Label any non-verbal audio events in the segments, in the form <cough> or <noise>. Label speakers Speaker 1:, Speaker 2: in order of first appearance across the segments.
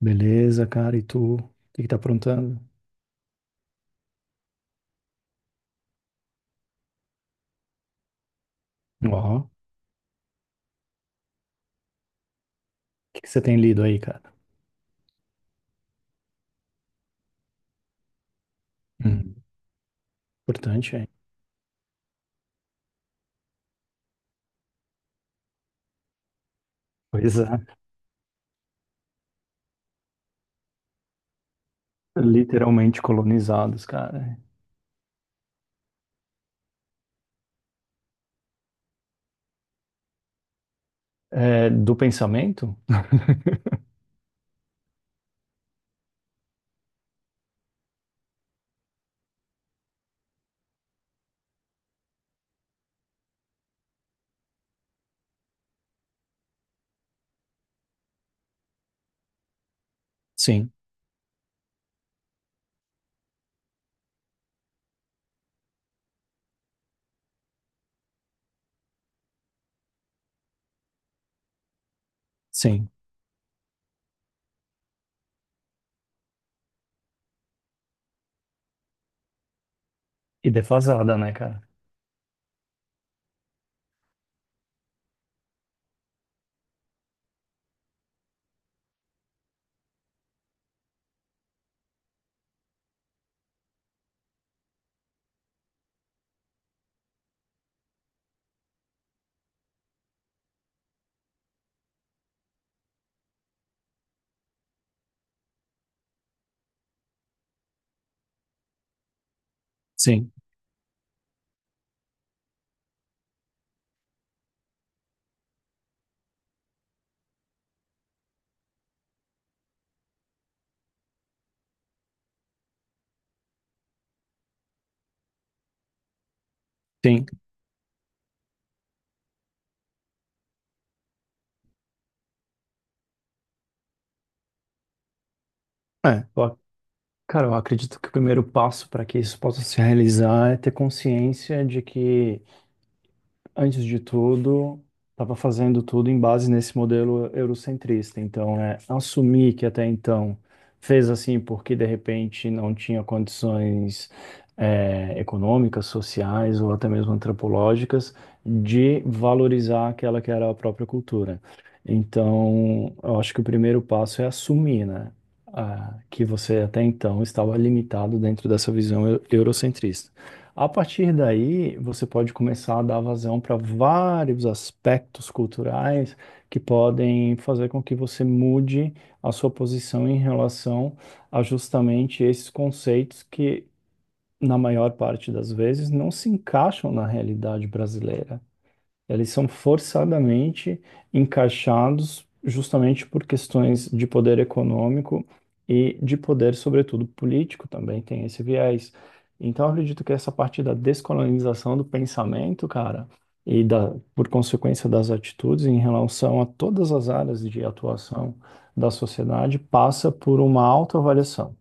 Speaker 1: Beleza, cara. E tu? O que que tá aprontando? Ó, o que que você tem lido aí, cara? Hum. Importante, hein? Pois é. Literalmente colonizados, cara. É, do pensamento? <laughs> Sim, sim. E defasada, né, cara? Sim, sim. É, eu- ac- Cara, eu acredito que o primeiro passo para que isso possa se realizar é ter consciência de que, antes de tudo, estava fazendo tudo em base nesse modelo eurocentrista. Então, é assumir que até então fez assim porque de repente não tinha condições econômicas, sociais ou até mesmo antropológicas de valorizar aquela que era a própria cultura. Então, eu acho que o primeiro passo é assumir, né? Ah, que você até então estava limitado dentro dessa visão eurocentrista. A partir daí, você pode começar a dar vazão para vários aspectos culturais que podem fazer com que você mude a sua posição em relação a justamente esses conceitos que, na maior parte das vezes, não se encaixam na realidade brasileira. Eles são forçadamente encaixados justamente por questões de poder econômico e de poder, sobretudo, político, também tem esse viés. Então, eu acredito que essa parte da descolonização do pensamento, cara, e da, por consequência das atitudes em relação a todas as áreas de atuação da sociedade, passa por uma autoavaliação.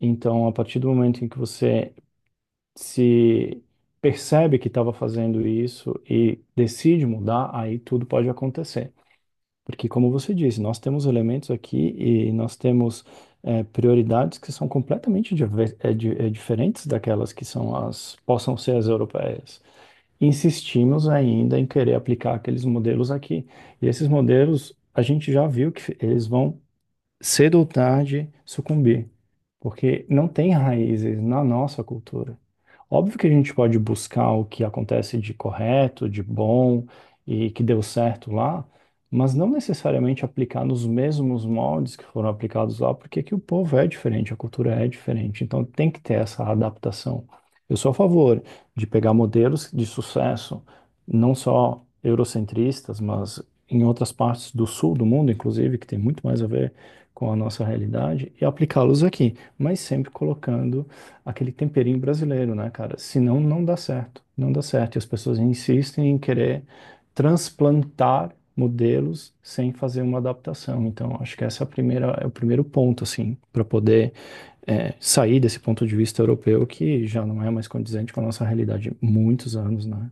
Speaker 1: Então, a partir do momento em que você se percebe que estava fazendo isso e decide mudar, aí tudo pode acontecer. Porque, como você disse, nós temos elementos aqui e nós temos prioridades que são completamente diferentes daquelas que são as, possam ser as europeias. Insistimos ainda em querer aplicar aqueles modelos aqui. E esses modelos, a gente já viu que eles vão cedo ou tarde sucumbir, porque não tem raízes na nossa cultura. Óbvio que a gente pode buscar o que acontece de correto, de bom e que deu certo lá, mas não necessariamente aplicar nos mesmos moldes que foram aplicados lá, porque aqui o povo é diferente, a cultura é diferente, então tem que ter essa adaptação. Eu sou a favor de pegar modelos de sucesso, não só eurocentristas, mas em outras partes do sul do mundo, inclusive, que tem muito mais a ver com a nossa realidade e aplicá-los aqui, mas sempre colocando aquele temperinho brasileiro, né, cara? Senão não dá certo, não dá certo. E as pessoas insistem em querer transplantar modelos sem fazer uma adaptação. Então, acho que essa é a primeira, é o primeiro ponto, assim, para poder sair desse ponto de vista europeu que já não é mais condizente com a nossa realidade há muitos anos, né?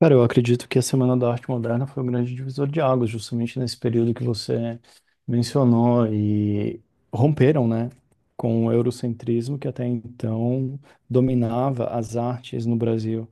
Speaker 1: Cara, eu acredito que a Semana da Arte Moderna foi um grande divisor de águas, justamente nesse período que você mencionou e romperam, né, com o eurocentrismo que até então dominava as artes no Brasil.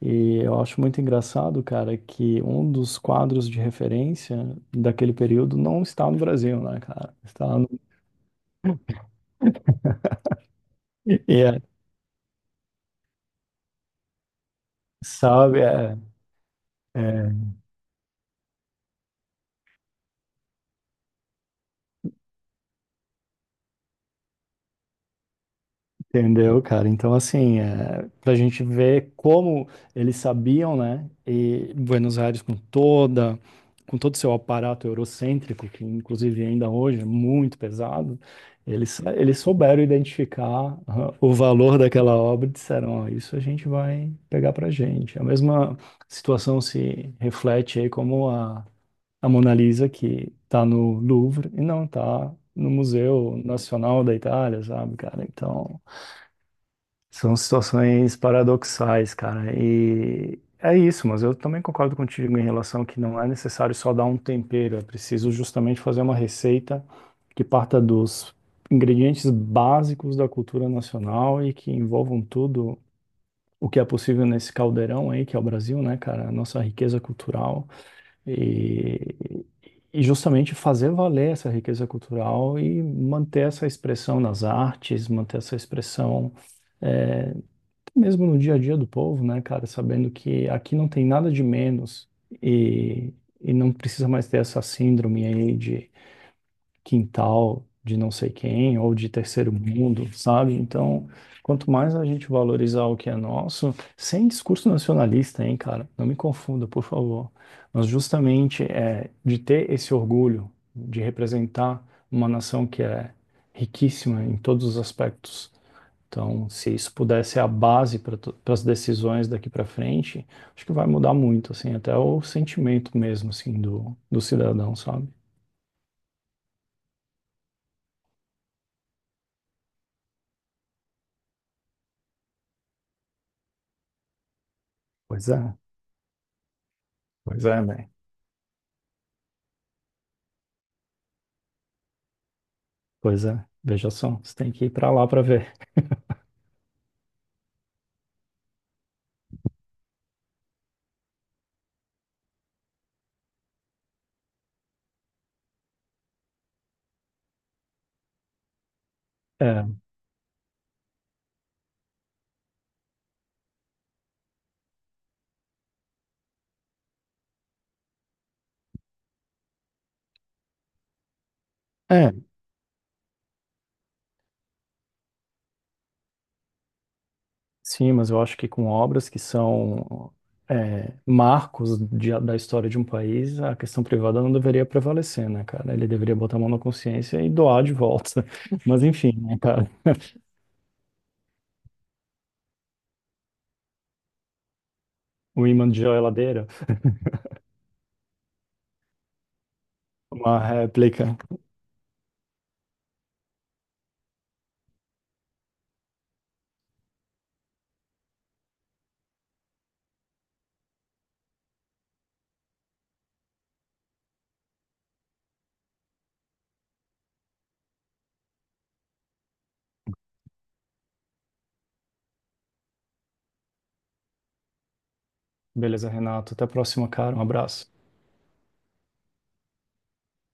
Speaker 1: E eu acho muito engraçado, cara, que um dos quadros de referência daquele período não está no Brasil, né, cara? Está no... <laughs> E é, sabe, é, é Entendeu, cara? Então, assim, é, para a gente ver como eles sabiam, né? E Buenos Aires com toda, com todo o seu aparato eurocêntrico, que inclusive ainda hoje é muito pesado, eles, eles souberam identificar, ah, o valor daquela obra e disseram: ó, isso a gente vai pegar pra gente. A mesma situação se reflete aí como a Mona Lisa, que tá no Louvre e não tá no Museu Nacional da Itália, sabe, cara? Então... São situações paradoxais, cara. E é isso, mas eu também concordo contigo em relação que não é necessário só dar um tempero, é preciso justamente fazer uma receita que parta dos ingredientes básicos da cultura nacional e que envolvam tudo o que é possível nesse caldeirão aí, que é o Brasil, né, cara? A nossa riqueza cultural. E, e justamente fazer valer essa riqueza cultural e manter essa expressão nas artes, manter essa expressão. eh, Mesmo no dia a dia do povo, né, cara, sabendo que aqui não tem nada de menos e, e não precisa mais ter essa síndrome aí de quintal, de não sei quem, ou de terceiro mundo, sabe? Então, quanto mais a gente valorizar o que é nosso, sem discurso nacionalista, hein, cara, não me confunda, por favor, mas justamente é de ter esse orgulho de representar uma nação que é riquíssima em todos os aspectos. Então, se isso puder ser a base para as decisões daqui para frente, acho que vai mudar muito, assim, até o sentimento mesmo, assim, do, do cidadão, sabe? Pois é, pois é, bem. Pois é, veja só, você tem que ir para lá para ver. É, é, sim, mas eu acho que com obras que são marcos da história de um país, a questão privada não deveria prevalecer, né, cara? Ele deveria botar a mão na consciência e doar de volta. <laughs> Mas enfim, né, cara? O imã de geladeira, uma réplica. Beleza, Renato. Até a próxima, cara. Um abraço.